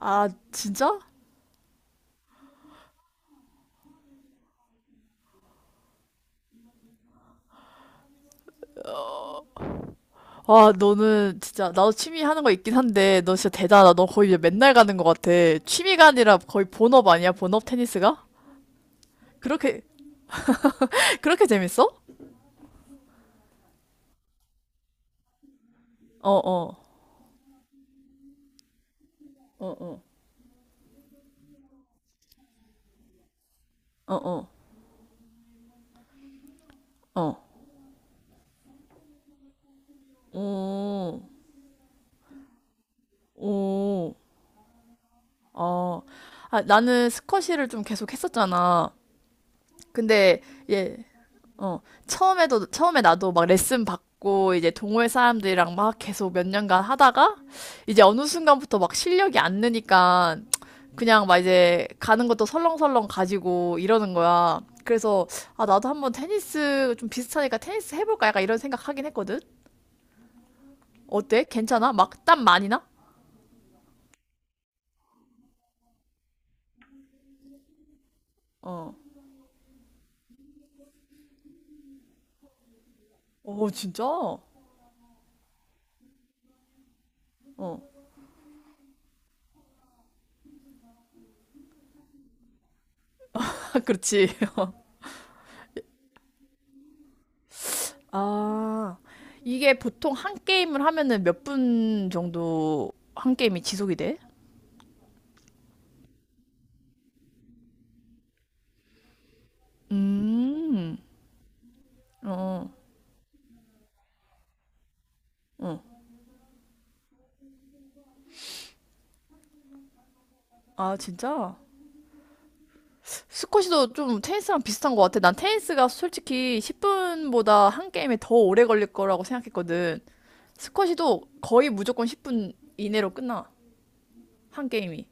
아, 진짜? 와, 너는 진짜, 나도 취미 하는 거 있긴 한데, 너 진짜 대단하다. 너 거의 맨날 가는 것 같아. 취미가 아니라 거의 본업 아니야? 본업 테니스가? 그렇게, 그렇게 재밌어? 어, 어, 어, 어, 어, 어, 어, 오, 오, 어. 아, 나는 스쿼시를 좀 계속 했었잖아. 근데, 예, 어, 처음에 나도 막 레슨 받고, 이제 동호회 사람들이랑 막 계속 몇 년간 하다가, 이제 어느 순간부터 막 실력이 안 느니까, 그냥 막 이제 가는 것도 설렁설렁 가지고 이러는 거야. 그래서, 아, 나도 한번 테니스 좀 비슷하니까 테니스 해볼까? 약간 이런 생각 하긴 했거든? 어때? 괜찮아? 막 땀 많이 나? 어. 어, 진짜? 어. 그렇지. 아, 이게 보통 한 게임을 하면은 몇 분 정도 한 게임이 지속이 돼? 음, 어, 어. 아, 진짜? 스쿼시도 좀 테니스랑 비슷한 것 같아. 난 테니스가 솔직히 10분보다 한 게임이 더 오래 걸릴 거라고 생각했거든. 스쿼시도 거의 무조건 10분 이내로 끝나. 한 게임이.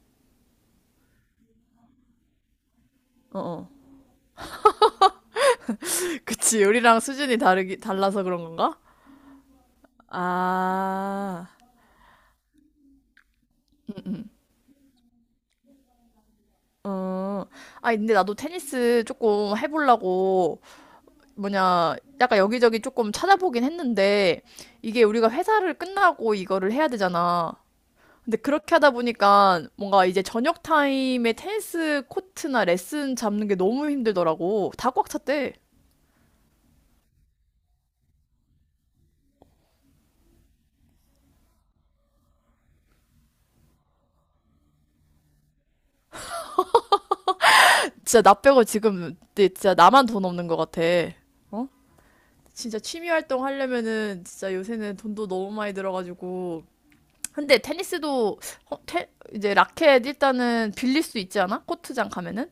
어, 어. 그치, 우리랑 수준이 달라서 그런 건가? 아. 어, 아, 근데 나도 테니스 조금 해보려고, 뭐냐, 약간 여기저기 조금 찾아보긴 했는데, 이게 우리가 회사를 끝나고 이거를 해야 되잖아. 근데 그렇게 하다 보니까 뭔가 이제 저녁 타임에 테니스 코트나 레슨 잡는 게 너무 힘들더라고. 다 꽉 찼대. 진짜 나 빼고 지금 진짜 나만 돈 없는 것 같아. 어? 진짜 취미 활동 하려면은 진짜 요새는 돈도 너무 많이 들어가지고 근데 테니스도 어, 테, 이제 라켓 일단은 빌릴 수 있지 않아? 코트장 가면은?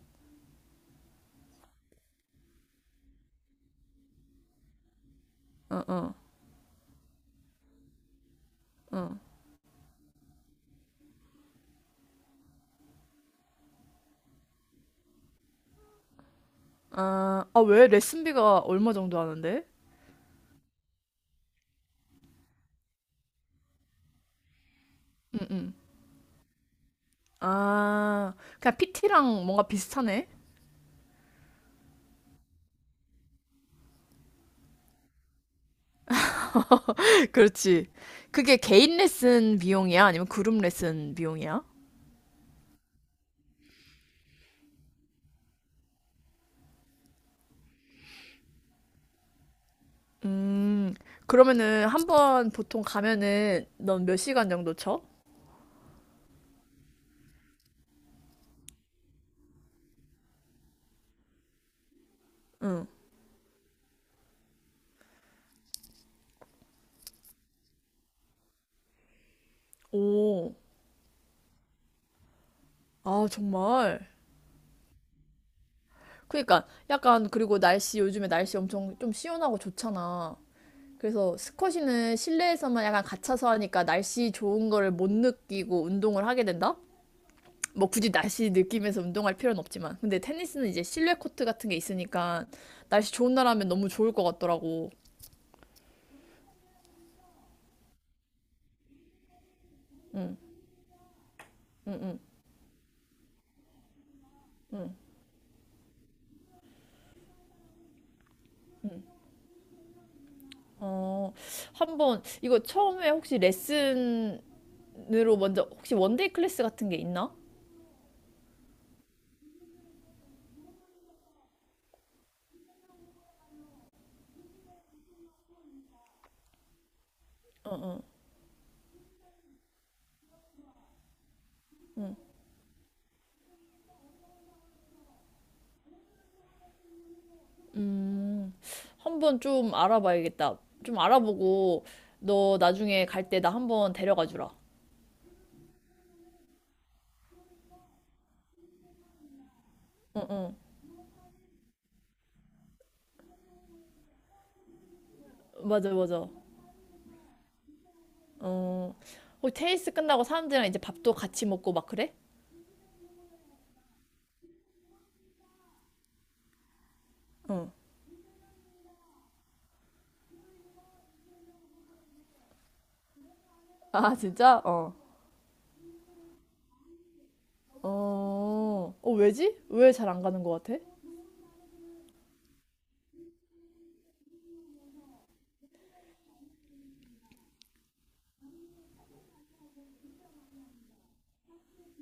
아, 아, 왜? 레슨비가 얼마 정도 하는데? 응, 응. 아, 그냥 PT랑 뭔가 비슷하네? 그렇지. 그게 개인 레슨 비용이야? 아니면 그룹 레슨 비용이야? 음, 그러면은 한번 보통 가면은 넌 몇 시간 정도 쳐? 응. 오, 아, 정말. 그러니까 약간 그리고 날씨 요즘에 날씨 엄청 좀 시원하고 좋잖아. 그래서 스쿼시는 실내에서만 약간 갇혀서 하니까 날씨 좋은 거를 못 느끼고 운동을 하게 된다? 뭐 굳이 날씨 느끼면서 운동할 필요는 없지만. 근데 테니스는 이제 실내 코트 같은 게 있으니까 날씨 좋은 날 하면 너무 좋을 것 같더라고. 어, 한번 이거 처음에 혹시 레슨으로 먼저 혹시 원데이 클래스 같은 게 있나? 한번 좀 알아봐야겠다. 좀 알아보고 너 나중에 갈 때 나 한번 데려가 주라. 응, 응. 맞아, 맞아. 어, 어, 테니스 끝나고 사람들이랑 이제 밥도 같이 먹고 막 그래? 응. 아, 진짜? 어. 어, 어, 왜지? 왜 잘 안 가는 것 같아?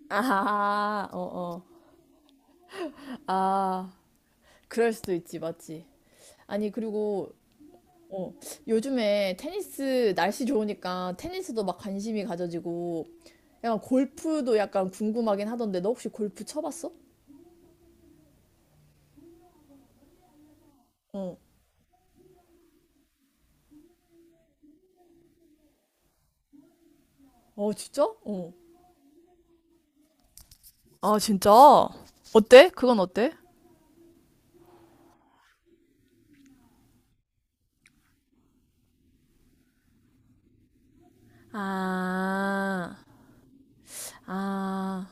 아, 어, 어. 아, 그럴 수도 있지, 맞지? 아니, 그리고, 어, 요즘에 테니스, 날씨 좋으니까 테니스도 막 관심이 가져지고, 약간 골프도 약간 궁금하긴 하던데, 너 혹시 골프 쳐봤어? 어, 어, 진짜? 어. 아, 진짜? 어때? 그건 어때? 아, 아,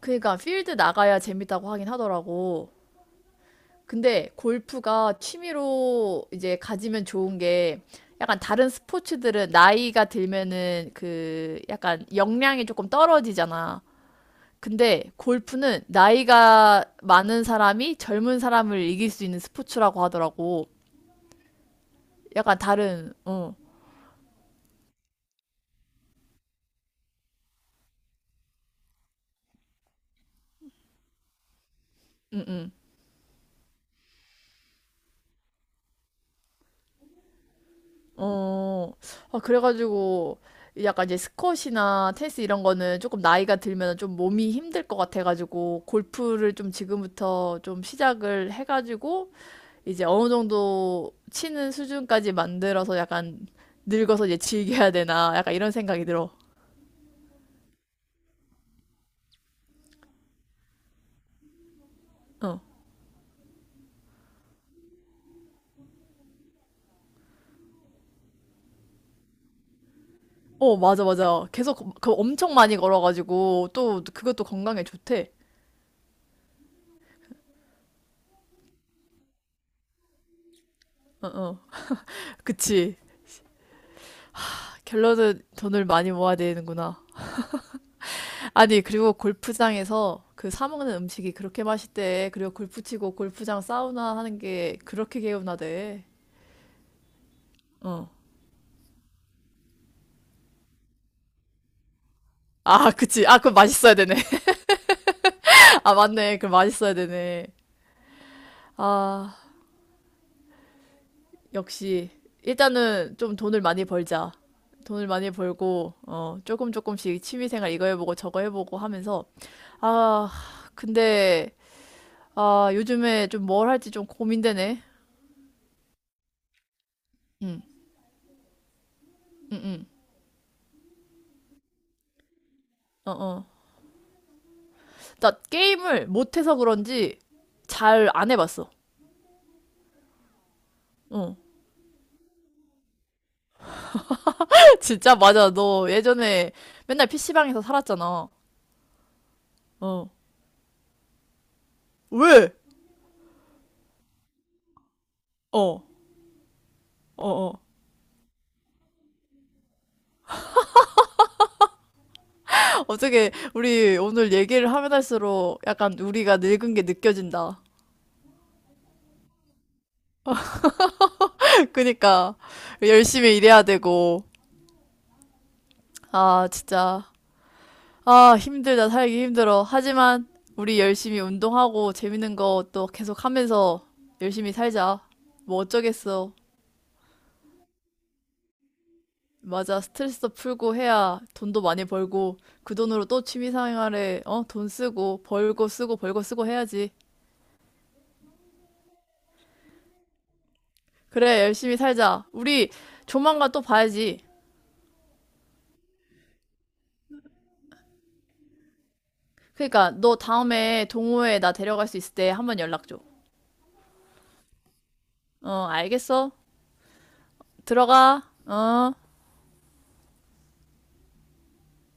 그러니까 필드 나가야 재밌다고 하긴 하더라고. 근데 골프가 취미로 이제 가지면 좋은 게 약간 다른 스포츠들은 나이가 들면은 그 약간 역량이 조금 떨어지잖아. 근데 골프는 나이가 많은 사람이 젊은 사람을 이길 수 있는 스포츠라고 하더라고. 약간 다른, 어, 응, 응. 어, 아, 그래가지고, 약간 이제 스쿼시나 테니스 이런 거는 조금 나이가 들면 좀 몸이 힘들 것 같아가지고, 골프를 좀 지금부터 좀 시작을 해가지고, 이제 어느 정도 치는 수준까지 만들어서 약간 늙어서 이제 즐겨야 되나, 약간 이런 생각이 들어. 어, 맞아, 맞아. 계속 그, 그 엄청 많이 걸어가지고, 또 그것도 건강에 좋대. 어, 어. 그치. 결론은 돈을 많이 모아야 되는구나. 아니, 그리고 골프장에서 그 사 먹는 음식이 그렇게 맛있대. 그리고 골프 치고 골프장 사우나 하는 게 그렇게 개운하대. 어. 아, 그치. 아, 그럼 맛있어야 되네. 아, 맞네. 그럼 맛있어야 되네. 아, 역시. 일단은 좀 돈을 많이 벌자. 돈을 많이 벌고, 어, 조금씩 취미생활 이거 해보고 저거 해보고 하면서. 아, 근데, 아, 요즘에 좀 뭘 할지 좀 고민되네. 응, 응, 응. 어, 어. 나 게임을 못해서 그런지 잘 안 해봤어. 어. 진짜 맞아. 너 예전에 맨날 PC방에서 살았잖아. 어. 왜? 어. 어, 어. 어떻게 우리 오늘 얘기를 하면 할수록 약간 우리가 늙은 게 느껴진다. 그니까 열심히 일해야 되고. 아, 진짜. 아, 힘들다. 살기 힘들어. 하지만 우리 열심히 운동하고 재밌는 거 또 계속 하면서 열심히 살자. 뭐 어쩌겠어. 맞아. 스트레스도 풀고 해야 돈도 많이 벌고 그 돈으로 또 취미 생활에 어, 돈 쓰고 벌고 쓰고 벌고 쓰고 해야지. 그래, 열심히 살자. 우리 조만간 또 봐야지. 그러니까 너 다음에 동호회 나 데려갈 수 있을 때 한번 연락 줘. 어, 알겠어. 들어가. 어.